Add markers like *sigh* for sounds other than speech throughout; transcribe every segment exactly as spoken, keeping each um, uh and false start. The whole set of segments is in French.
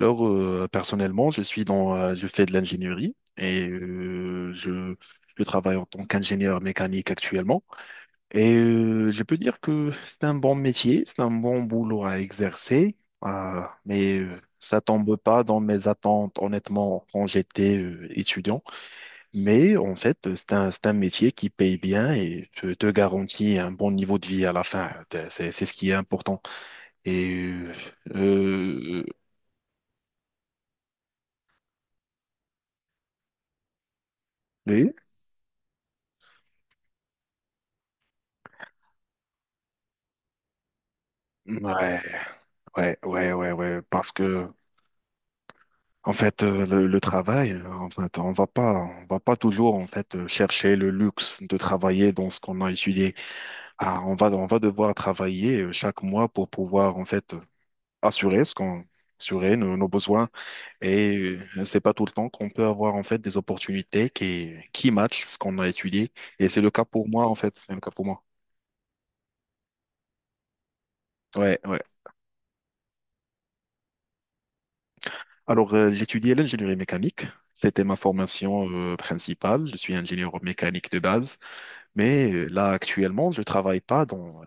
Alors, euh, personnellement, je suis dans, euh, je fais de l'ingénierie et euh, je, je travaille en tant qu'ingénieur mécanique actuellement. Et euh, je peux dire que c'est un bon métier, c'est un bon boulot à exercer, ah, mais euh, ça tombe pas dans mes attentes, honnêtement, quand j'étais euh, étudiant. Mais en fait, c'est un, c'est un métier qui paye bien et te, te garantit un bon niveau de vie à la fin. C'est, c'est ce qui est important. Et euh, euh, oui. Ouais. Ouais, ouais, ouais, ouais, parce que en fait euh, le, le travail, euh, en fait, on va pas, on va pas toujours en fait euh, chercher le luxe de travailler dans ce qu'on a étudié. Ah, on va, on va devoir travailler euh, chaque mois pour pouvoir en fait euh, assurer ce qu'on assurer nos, nos besoins et euh, c'est pas tout le temps qu'on peut avoir en fait des opportunités qui qui matchent ce qu'on a étudié et c'est le cas pour moi en fait, c'est le cas pour moi. Ouais, ouais. Alors, euh, j'étudiais l'ingénierie mécanique. C'était ma formation euh, principale. Je suis ingénieur mécanique de base. Mais euh, là, actuellement, je travaille pas dans.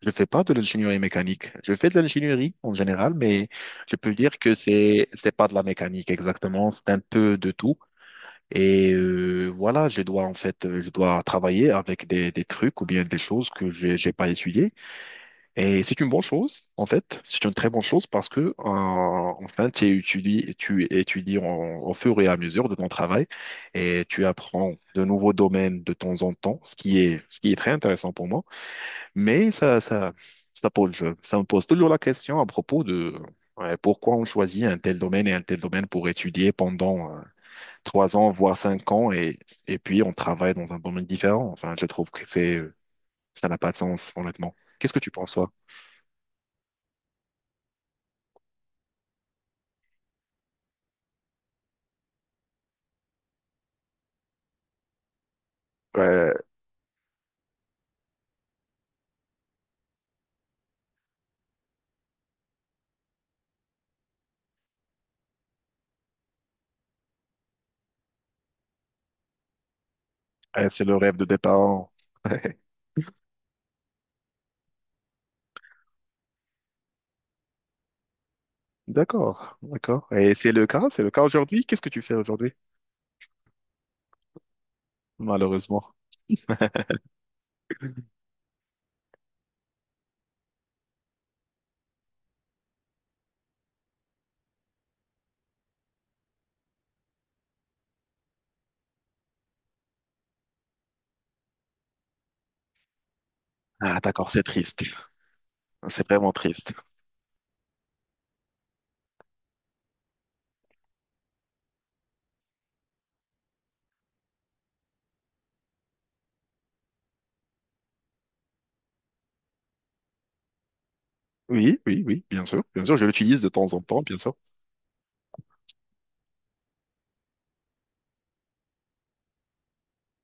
Je fais pas de l'ingénierie mécanique. Je fais de l'ingénierie en général, mais je peux dire que c'est c'est pas de la mécanique exactement. C'est un peu de tout. Et euh, voilà, je dois en fait, euh, je dois travailler avec des, des trucs ou bien des choses que j'ai j'ai pas étudiées. Et c'est une bonne chose, en fait. C'est une très bonne chose parce que euh, enfin, tu étudies, tu étudies en- au fur et à mesure de ton travail et tu apprends de nouveaux domaines de temps en temps, ce qui est, ce qui est très intéressant pour moi. Mais ça, ça, ça pose, ça me pose toujours la question à propos de, ouais, pourquoi on choisit un tel domaine et un tel domaine pour étudier pendant euh, trois ans, voire cinq ans et, et puis on travaille dans un domaine différent. Enfin, je trouve que c'est, ça n'a pas de sens, honnêtement. Qu'est-ce que tu penses, toi? Ouais, ouais, c'est le rêve de tes parents. *laughs* D'accord, d'accord. Et c'est le cas, c'est le cas aujourd'hui. Qu'est-ce que tu fais aujourd'hui? Malheureusement. Ah, d'accord, c'est triste. C'est vraiment triste. Oui, oui, oui, bien sûr. Bien sûr, je l'utilise de temps en temps, bien sûr.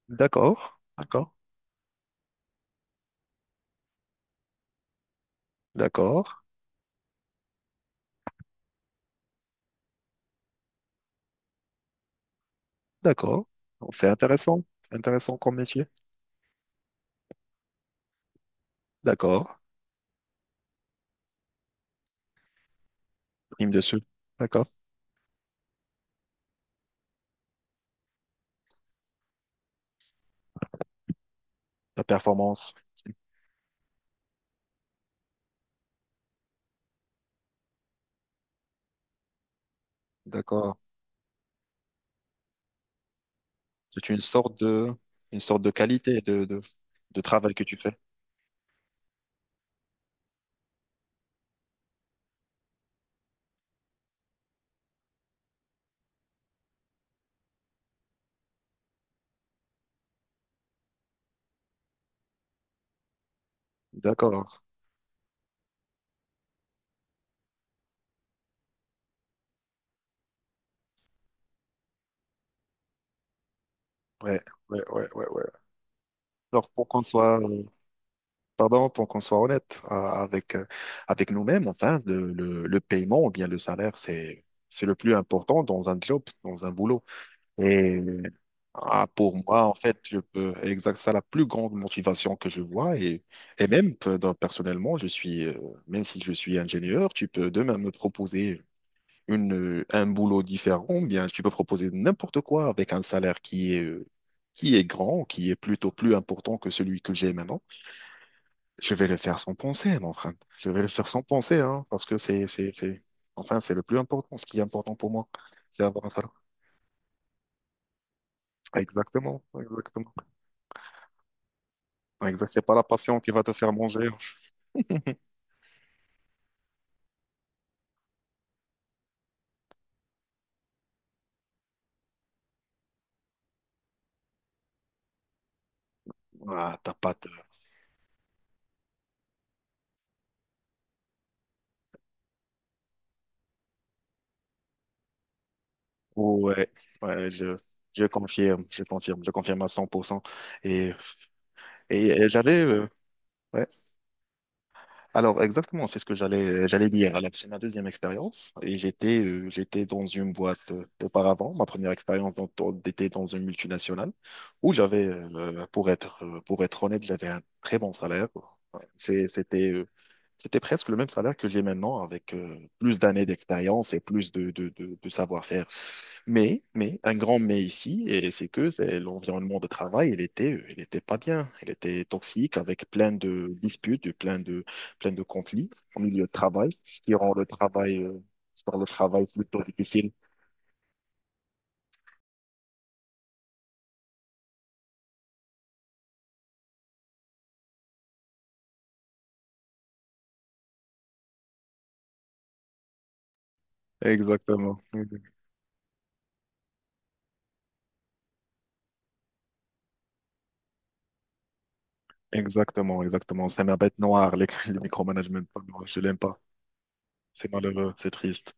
D'accord, d'accord, d'accord, d'accord. C'est intéressant, c'est intéressant comme métier. D'accord. Prime dessus. D'accord. La performance. D'accord. C'est une sorte de, une sorte de qualité de, de, de travail que tu fais. D'accord. Ouais, ouais, ouais, ouais, ouais. Alors, pour qu'on soit, euh, pardon, pour qu'on soit honnête euh, avec, euh, avec nous-mêmes, enfin, le, le, le paiement ou bien le salaire, c'est, c'est le plus important dans un job, dans un boulot. Et ah, pour moi, en fait, je peux, exact, ça la plus grande motivation que je vois. Et, et même, euh, dans- personnellement, je suis, euh, même si je suis ingénieur, tu peux demain me proposer une, euh, un boulot différent, bien, tu peux proposer n'importe quoi avec un salaire qui est, euh, qui est grand, qui est plutôt plus important que celui que j'ai maintenant. Je vais le faire sans penser, mon frère. Je vais le faire sans penser, hein, parce que c'est, c'est, c'est, enfin, c'est le plus important. Ce qui est important pour moi, c'est avoir un salaire. Exactement, exactement. Exact. C'est pas la passion qui va te faire manger. Ah, ta pâte. Ouais, ouais, je, je confirme, je confirme, je confirme à cent pour cent. Et, et, et j'allais, euh, ouais, alors exactement, c'est ce que j'allais euh, j'allais dire. Alors, c'est ma deuxième expérience et j'étais euh, j'étais dans une boîte euh, auparavant. Ma première expérience dans, dans- était dans une multinationale où j'avais euh, pour être euh, pour être honnête, j'avais un très bon salaire. C'est- C'était euh, c'était presque le même salaire que j'ai maintenant avec euh, plus d'années d'expérience et plus de de, de, de savoir-faire, mais, mais, un grand mais ici, et c'est que c'est l'environnement de travail, il était, euh, il était pas bien, il était toxique avec plein de disputes, et plein de, plein de conflits au milieu de travail, ce qui rend le travail, euh, ce qui rend le travail plutôt difficile. Exactement, exactement, exactement. C'est ma bête noire, les, *laughs* le micromanagement. Non, je l'aime pas. C'est malheureux, c'est triste.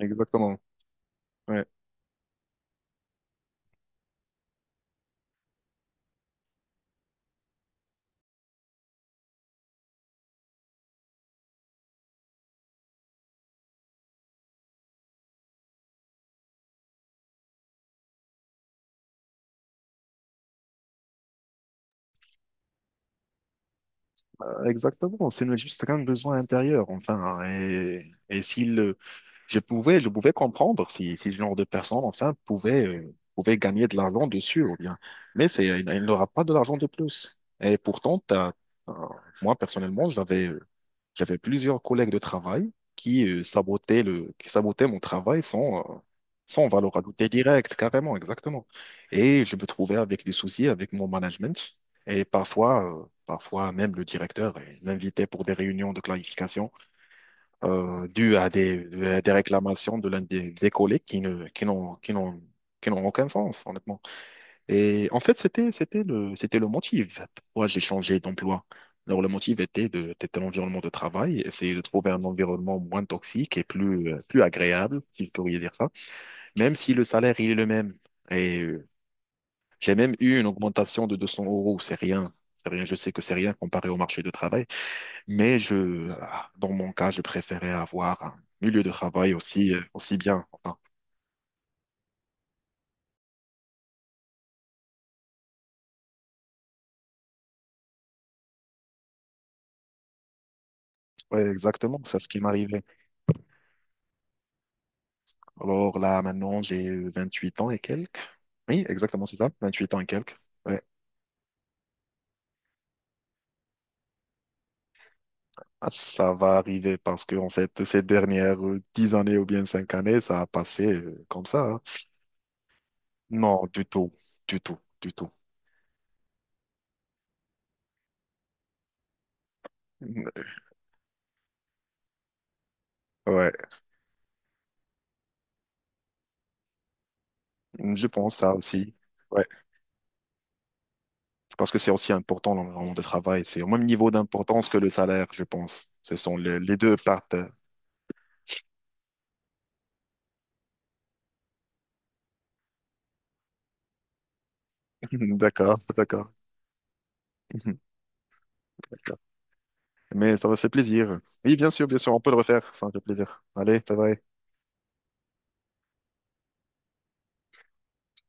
Exactement. Ouais. Euh, Exactement. C'est une- juste un besoin intérieur, enfin. Et, et s'il euh, Je pouvais, je pouvais comprendre si, si ce genre de personne, enfin, pouvait, euh, pouvait gagner de l'argent dessus ou bien. Mais c'est, il, il n'aura pas de l'argent de plus. Et pourtant, t'as, euh, moi, personnellement, j'avais, euh, j'avais plusieurs collègues de travail qui, euh, sabotaient le, qui sabotaient mon travail sans, euh, sans valeur ajoutée directe, carrément, exactement. Et je me trouvais avec des soucis avec mon management. Et parfois, euh, parfois même le directeur euh, m'invitait pour des réunions de clarification euh, dû à des, à des réclamations de l'un des, des collègues qui ne, qui n'ont, qui n'ont, qui n'ont aucun sens, honnêtement. Et en fait, c'était, c'était le, c'était le motif pourquoi j'ai changé d'emploi. Alors, le motif était de, était l'environnement de travail, essayer de trouver un environnement moins toxique et plus, euh, plus agréable, si je pourrais dire ça, même si le salaire, il est le même. Et euh, j'ai même eu une augmentation de deux cents euros, c'est rien. C'est rien, je sais que c'est rien comparé au marché de travail. Mais je, ah, dans mon cas, je préférais avoir un milieu de travail aussi, euh, aussi bien. Enfin, ouais, exactement, c'est ce qui m'arrivait. Alors là, maintenant, j'ai vingt huit ans et quelques. Oui, exactement, c'est ça, vingt huit ans et quelques. Ouais. Ah, ça va arriver parce que, en fait, ces dernières euh, dix années ou bien cinq années, ça a passé euh, comme ça, hein. Non, du tout, du tout, du tout. Ouais, je pense ça aussi. Ouais, parce que c'est aussi important l'environnement de travail. C'est au même niveau d'importance que le salaire, je pense. Ce sont les, les deux parties. *laughs* D'accord, d'accord. *laughs* D'accord. Mais ça me fait plaisir. Oui, bien sûr, bien sûr, on peut le refaire. Ça me fait plaisir. Allez, bye bye.